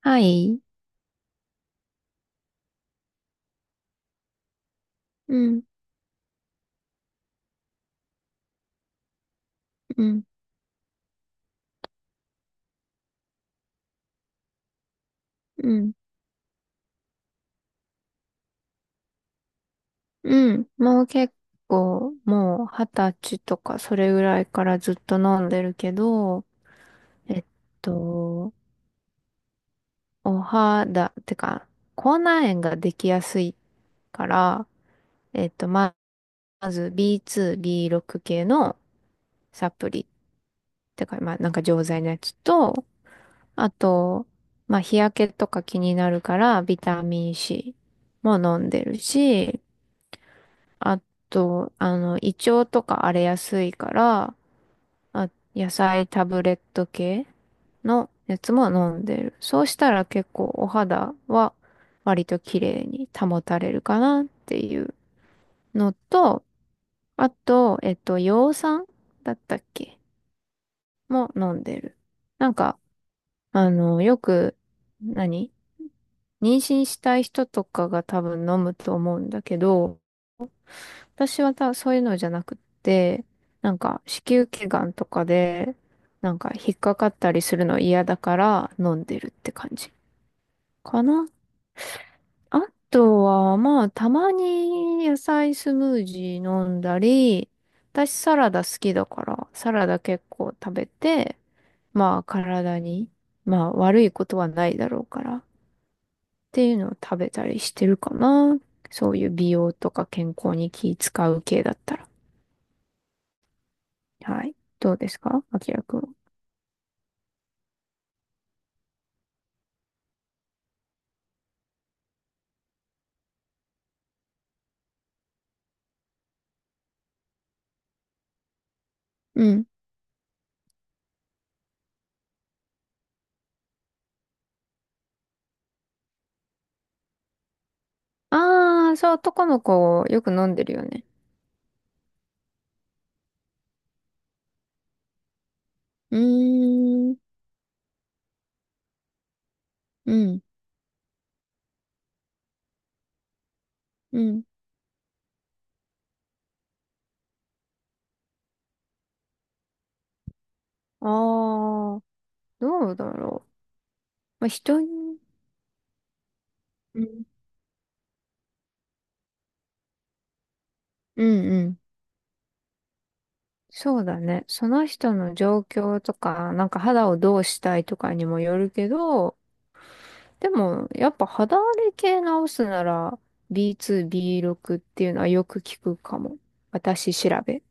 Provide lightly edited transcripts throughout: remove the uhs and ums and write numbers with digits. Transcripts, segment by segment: はい。うん、うん、うん、うん。もう結構、もう二十歳とかそれぐらいからずっと飲んでるけど、えっと、お肌、てか、口内炎ができやすいから、えっと、ままず B2、B6 系のサプリってか、まあなんか錠剤のやつと、あと、まあ日焼けとか気になるからビタミン C も飲んでるし、あと、胃腸とか荒れやすいから、あ、野菜タブレット系のやつも飲んでる。そうしたら結構お肌は割と綺麗に保たれるかなっていうのと、あと、葉酸だったっけも飲んでる。なんか、よく、何妊娠したい人とかが多分飲むと思うんだけど、私はそういうのじゃなくって、なんか子宮頸がんとかで、なんか引っかかったりするの嫌だから飲んでるって感じかな。あとは、まあ、たまに野菜スムージー飲んだり、私サラダ好きだから、サラダ結構食べて、まあ体に、まあ悪いことはないだろうからっていうのを食べたりしてるかな。そういう美容とか健康に気使う系だったら。はい。どうですかあきらくんは？うん。ああ、そう、男の子よく飲んでるよね。うーん。うん。うん。ああ、どうだろう。まあ、人に、うん。うんうん。そうだね。その人の状況とか、なんか肌をどうしたいとかにもよるけど、でも、やっぱ肌荒れ系直すなら、B2、B6 っていうのはよく聞くかも。私調べ。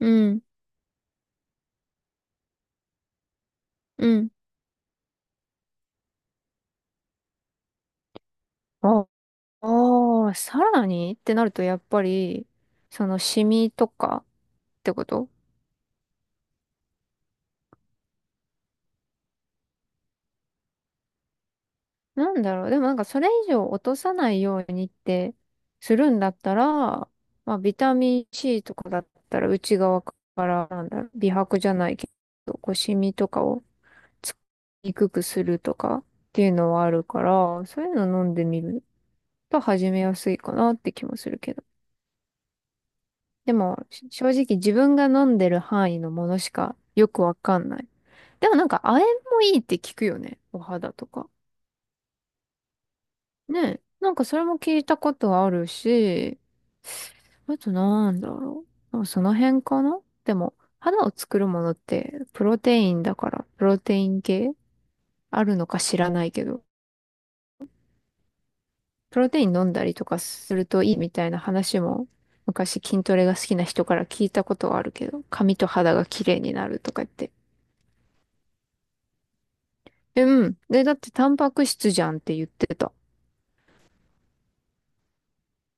うん。うん。あああ、さらにってなるとやっぱり、そのシミとかってことなんだろう。でもなんかそれ以上落とさないようにってするんだったら、まあビタミン C とかだったら内側からなんだろう、美白じゃないけど、こうシミとかをつきにくくするとかっていうのはあるから、そういうの飲んでみると始めやすいかなって気もするけど。でもし、正直自分が飲んでる範囲のものしかよくわかんない。でもなんか、亜鉛もいいって聞くよね。お肌とか。ねえ。なんかそれも聞いたことあるし、あとなんだろう。その辺かな、でも、肌を作るものって、プロテインだから、プロテイン系あるのか知らないけど、プロテイン飲んだりとかするといいみたいな話も、昔筋トレが好きな人から聞いたことはあるけど、髪と肌が綺麗になるとか言って。うん。で、だってタンパク質じゃんって言ってた。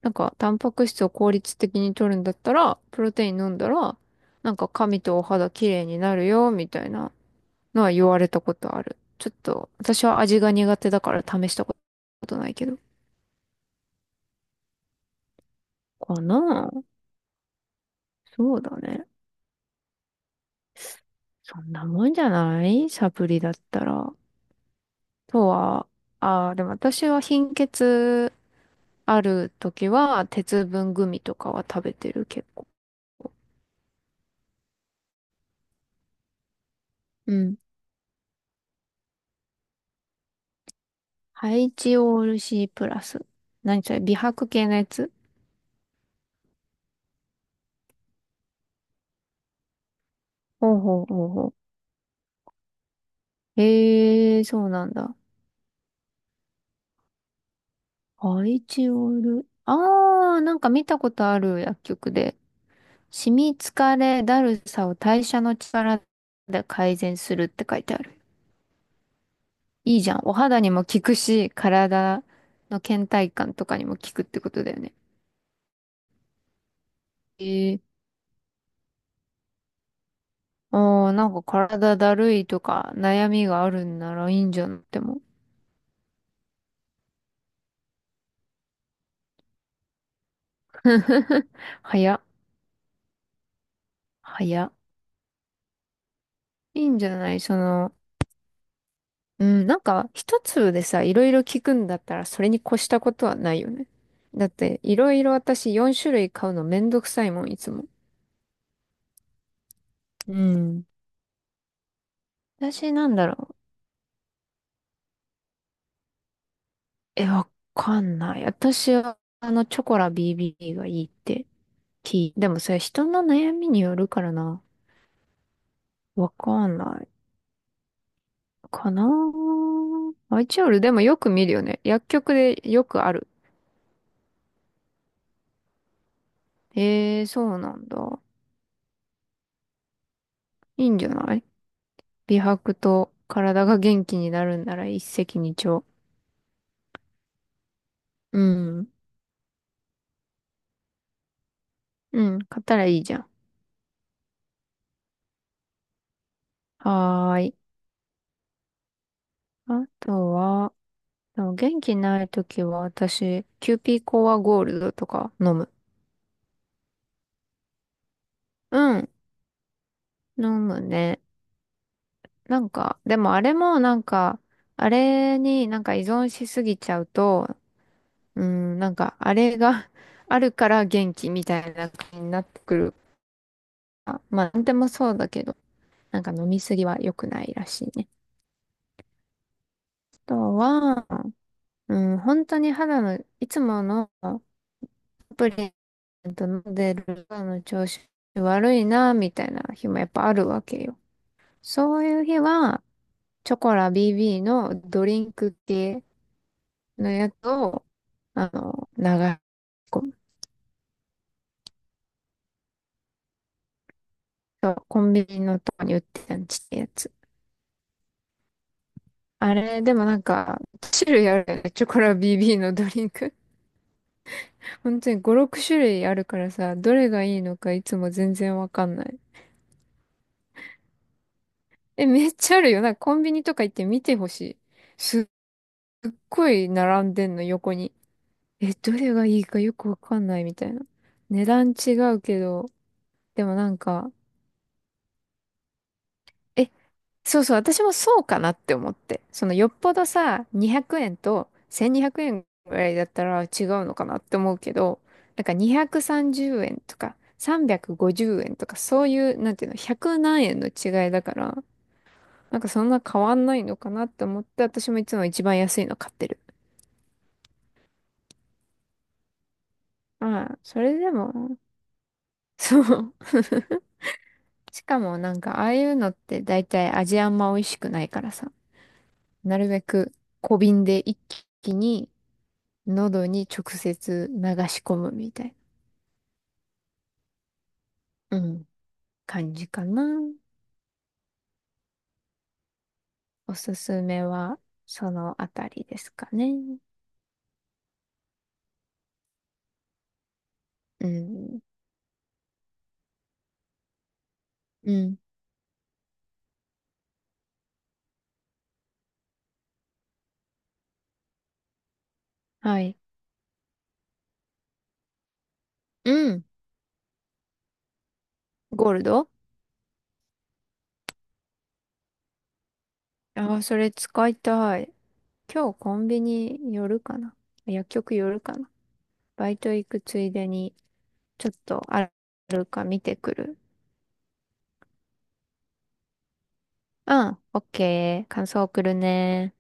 なんか、タンパク質を効率的に取るんだったら、プロテイン飲んだら、なんか髪とお肌綺麗になるよ、みたいなのは言われたことある。ちょっと、私は味が苦手だから試したことないけど。かなあ。そうだね。そんなもんじゃないサプリだったら。とは、ああ、でも私は貧血ある時は、鉄分グミとかは食べてる、結構。うん。ハイチオール C プラス。何それ、美白系のやつ？ほうほうほうほう。へえ、そうなんだ。アイチオール。ああ、なんか見たことある薬局で。シミ、疲れ、だるさを代謝の力で改善するって書いてある。いいじゃん。お肌にも効くし、体の倦怠感とかにも効くってことだよね。へえ。ああ、なんか体だるいとか悩みがあるんならいいんじゃなくても。早っ。早っ。いいんじゃないその、うん、なんか一粒でさ、いろいろ聞くんだったらそれに越したことはないよね。だっていろいろ私4種類買うのめんどくさいもん、いつも。うん。私なんだろう。え、わかんない。私はあのチョコラ BB がいいって聞いでもそれ人の悩みによるからな。わかんない。かなぁ。アイチオールでもよく見るよね。薬局でよくある。へえ、そうなんだ。いいんじゃない、美白と体が元気になるんなら一石二鳥。うん。うん。買ったらいいじゃん。はーい。あとは、でも元気ないときは私、キューピーコアゴールドとか飲む。うん。飲むね。なんか、でもあれもなんか、あれになんか依存しすぎちゃうと、うん、なんかあれが あるから元気みたいな感じになってくるから。まあ、なんでもそうだけど、なんか飲みすぎは良くないらしいね。あとは、うん、本当に肌の、いつものサプリメント飲んでる肌の調子悪いな、みたいな日もやっぱあるわけよ。そういう日は、チョコラ BB のドリンク系のやつを、流し込む。そうコンビニのとこに売ってたんちってやつ。あれ、でもなんか、種類あるよね。チョコラ BB のドリンク。本当に5、6種類あるからさ、どれがいいのかいつも全然わかんない。え、めっちゃあるよ。なんかコンビニとか行って見てほしい。すっごい並んでんの、横に。え、どれがいいかよくわかんないみたいな。値段違うけど、でもなんか、え、そうそう、私もそうかなって思って。そのよっぽどさ、200円と1200円ぐらいだったら違うのかなって思うけど、なんか230円とか350円とかそういう、なんていうの、100何円の違いだから、なんかそんな変わんないのかなって思って、私もいつも一番安いの買ってる。まあ、それでも、そう。しかもなんかああいうのって大体味あんま美味しくないからさ、なるべく小瓶で一気に喉に直接流し込むみたいな、うん、感じかな。おすすめはそのあたりですかね。うん。うん。はい。うん。ゴールド。ああー、それ使いたい。今日コンビニ寄るかな、薬局寄るかな、バイト行くついでに、ちょっとあるか見てくる。うん、オッケー。感想送るね。